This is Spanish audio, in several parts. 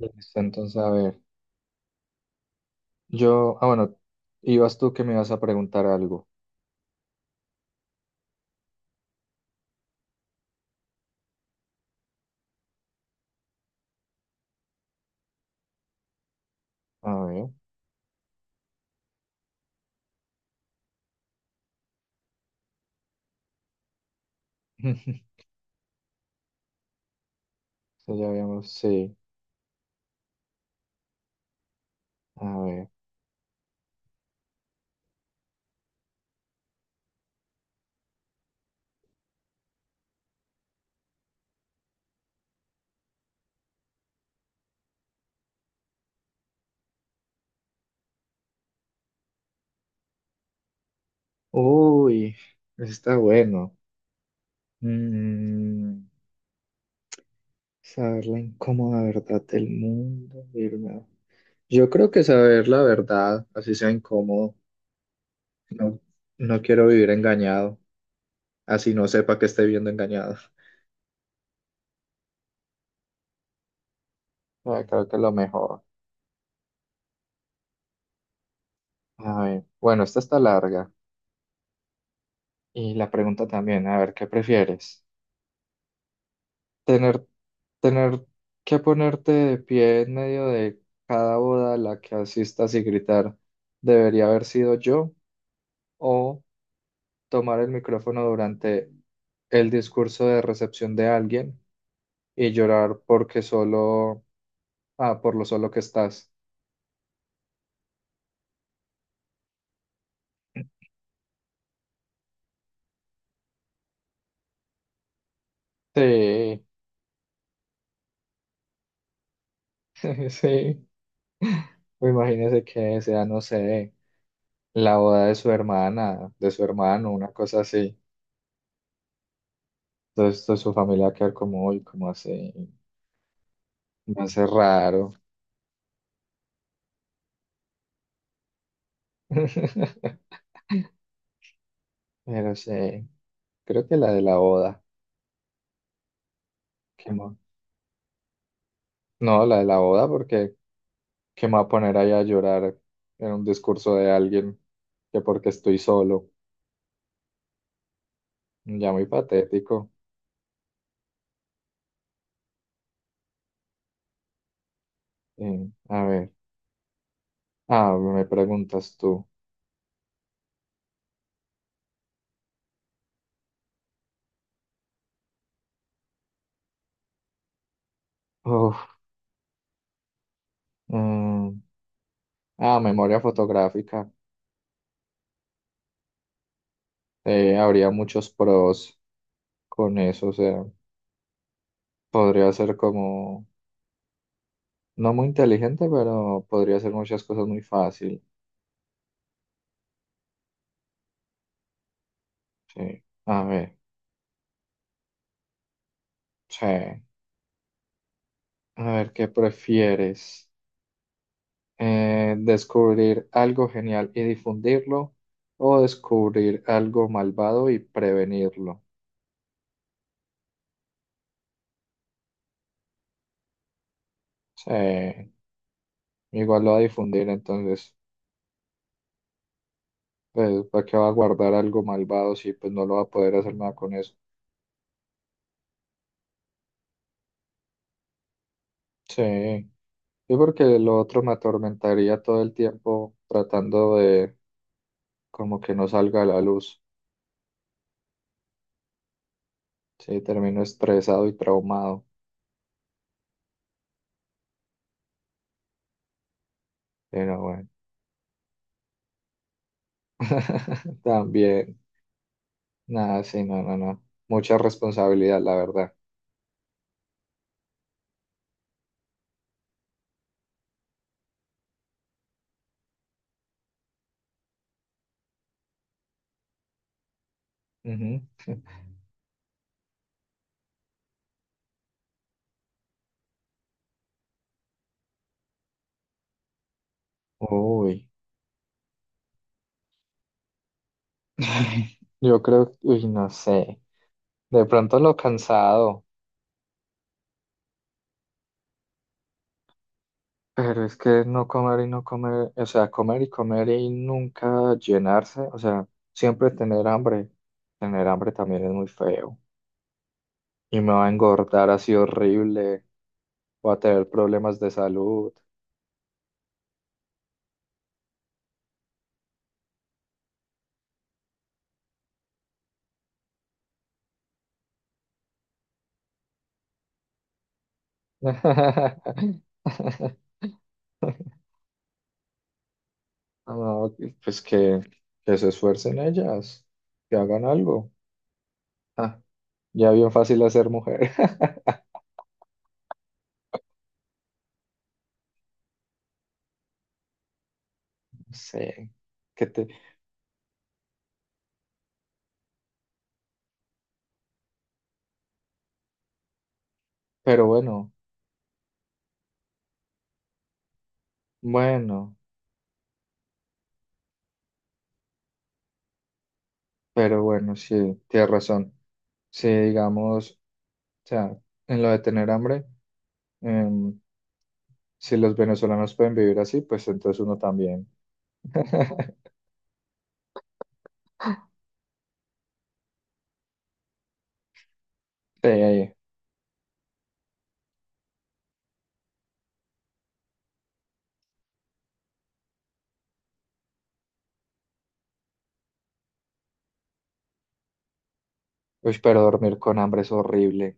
Listo, entonces, a ver, yo, bueno, ibas tú que me ibas a preguntar algo. A ver, eso ya habíamos, sí, a ver. Uy, eso está bueno. Mm, saber la incómoda verdad del mundo. Yo creo que saber la verdad, así sea incómodo, no, no quiero vivir engañado, así no sepa que esté viendo engañado. Ah, creo que es lo mejor. A ver, bueno, esta está larga. Y la pregunta también, a ver, ¿qué prefieres? Tener, tener que ponerte de pie en medio de cada boda a la que asistas y gritar, debería haber sido yo, o tomar el micrófono durante el discurso de recepción de alguien y llorar porque solo, por lo solo que estás. Sí, sí. O imagínese que sea, no sé, la boda de su hermana, de su hermano, una cosa así. Entonces, toda su familia va a quedar como, uy, como así, me hace raro. Pero sí, creo que la de la boda. ¿Qué más? No, la de la boda, porque ¿qué me va a poner ahí a llorar en un discurso de alguien que porque estoy solo? Ya muy patético. A ver, ah, me preguntas tú. Uf, mm, ah, memoria fotográfica. Habría muchos pros con eso, o sea, podría ser como, no muy inteligente, pero podría hacer muchas cosas muy fácil. Sí, a ver. Sí. A ver, ¿qué prefieres? ¿Descubrir algo genial y difundirlo o descubrir algo malvado y prevenirlo? Sí. Igual lo va a difundir, entonces, pues, ¿para qué va a guardar algo malvado si pues no lo va a poder hacer nada con eso? Sí. Sí, porque lo otro me atormentaría todo el tiempo tratando de como que no salga a la luz. Sí, termino estresado y traumado, pero bueno, también. Nada, sí, no, no, no. Mucha responsabilidad, la verdad. Ujú. Uy. Yo creo, uy, no sé. De pronto lo cansado, pero es que no comer y no comer, o sea, comer y comer y nunca llenarse, o sea, siempre tener hambre. Tener hambre también es muy feo. Y me va a engordar así horrible, voy a tener problemas de salud. No, pues que se esfuercen ellas, que hagan algo. Ah, ya bien fácil hacer mujer. No sé, que te... Pero bueno, bueno, pero bueno, sí, tienes razón. Si digamos, o sea, en lo de tener hambre, em, si los venezolanos pueden vivir así, pues entonces uno también. Sí, uy, pero dormir con hambre es horrible.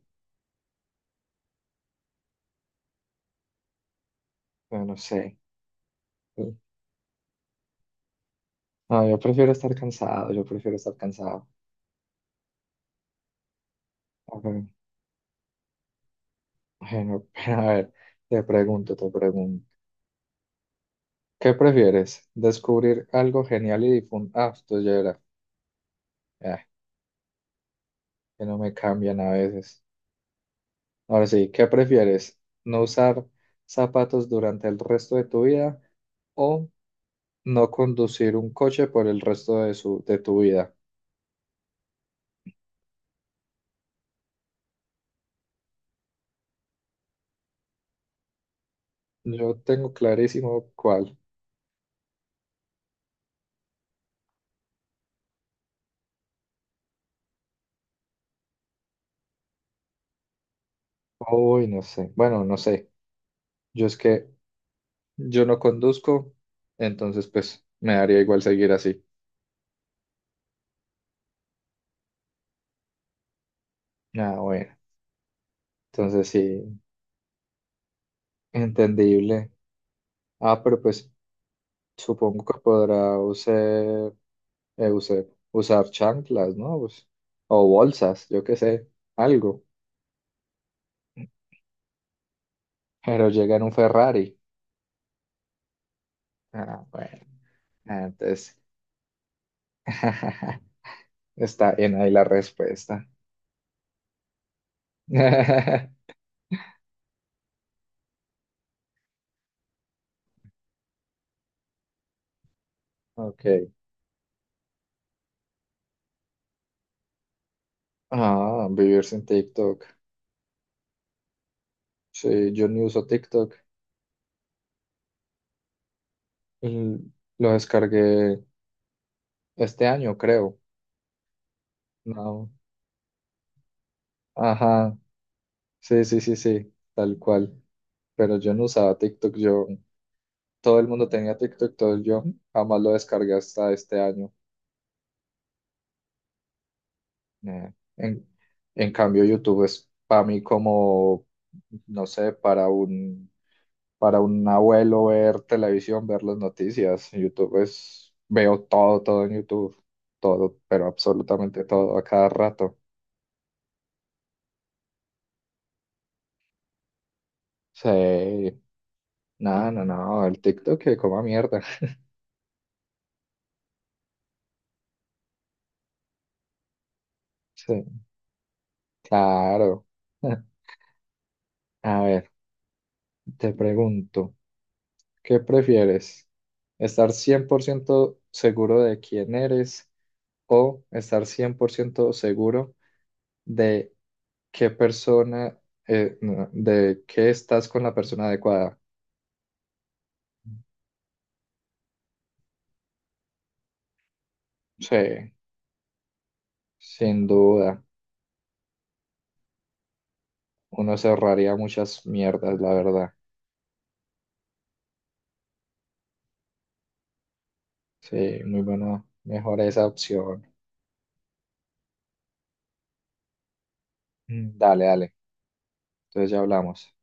Yo no sé. No, yo prefiero estar cansado, yo prefiero estar cansado. A ver, bueno, a ver, te pregunto, te pregunto. ¿Qué prefieres? ¿Descubrir algo genial y difundir? Ah, esto ya era. Ah, que no me cambian a veces. Ahora sí, ¿qué prefieres? ¿No usar zapatos durante el resto de tu vida o no conducir un coche por el resto de tu vida? Yo tengo clarísimo cuál. Uy, no sé. Bueno, no sé. Yo es que yo no conduzco, entonces pues me daría igual seguir así. Ah, bueno. Entonces sí, entendible. Ah, pero pues... Supongo que podrá eh, usar, usar chanclas, ¿no? Pues, o bolsas, yo qué sé, algo. Pero llega en un Ferrari. Ah, bueno, ah, entonces está en ahí la respuesta. Ok. Ah, vivir sin TikTok. Sí, yo ni uso TikTok. L- Lo descargué este año, creo. No. Ajá. Sí, sí, sí, sí, tal cual. Pero yo no usaba TikTok, yo. Todo el mundo tenía TikTok, yo jamás lo descargué hasta este año. Eh, en, en cambio, YouTube es para mí como, no sé, para un abuelo ver televisión, ver las noticias. YouTube es, veo todo, todo en YouTube, todo, pero absolutamente todo a cada rato. Sí, no, no, no, el TikTok que coma mierda. Sí, claro. A ver, te pregunto. ¿Qué prefieres? ¿Estar 100% seguro de quién eres o estar 100% seguro de qué persona, no, de que estás con la persona adecuada? Sí, sin duda. Uno se ahorraría muchas mierdas, la verdad. Sí, muy bueno. Mejor esa opción. Mm, dale, dale. Entonces ya hablamos.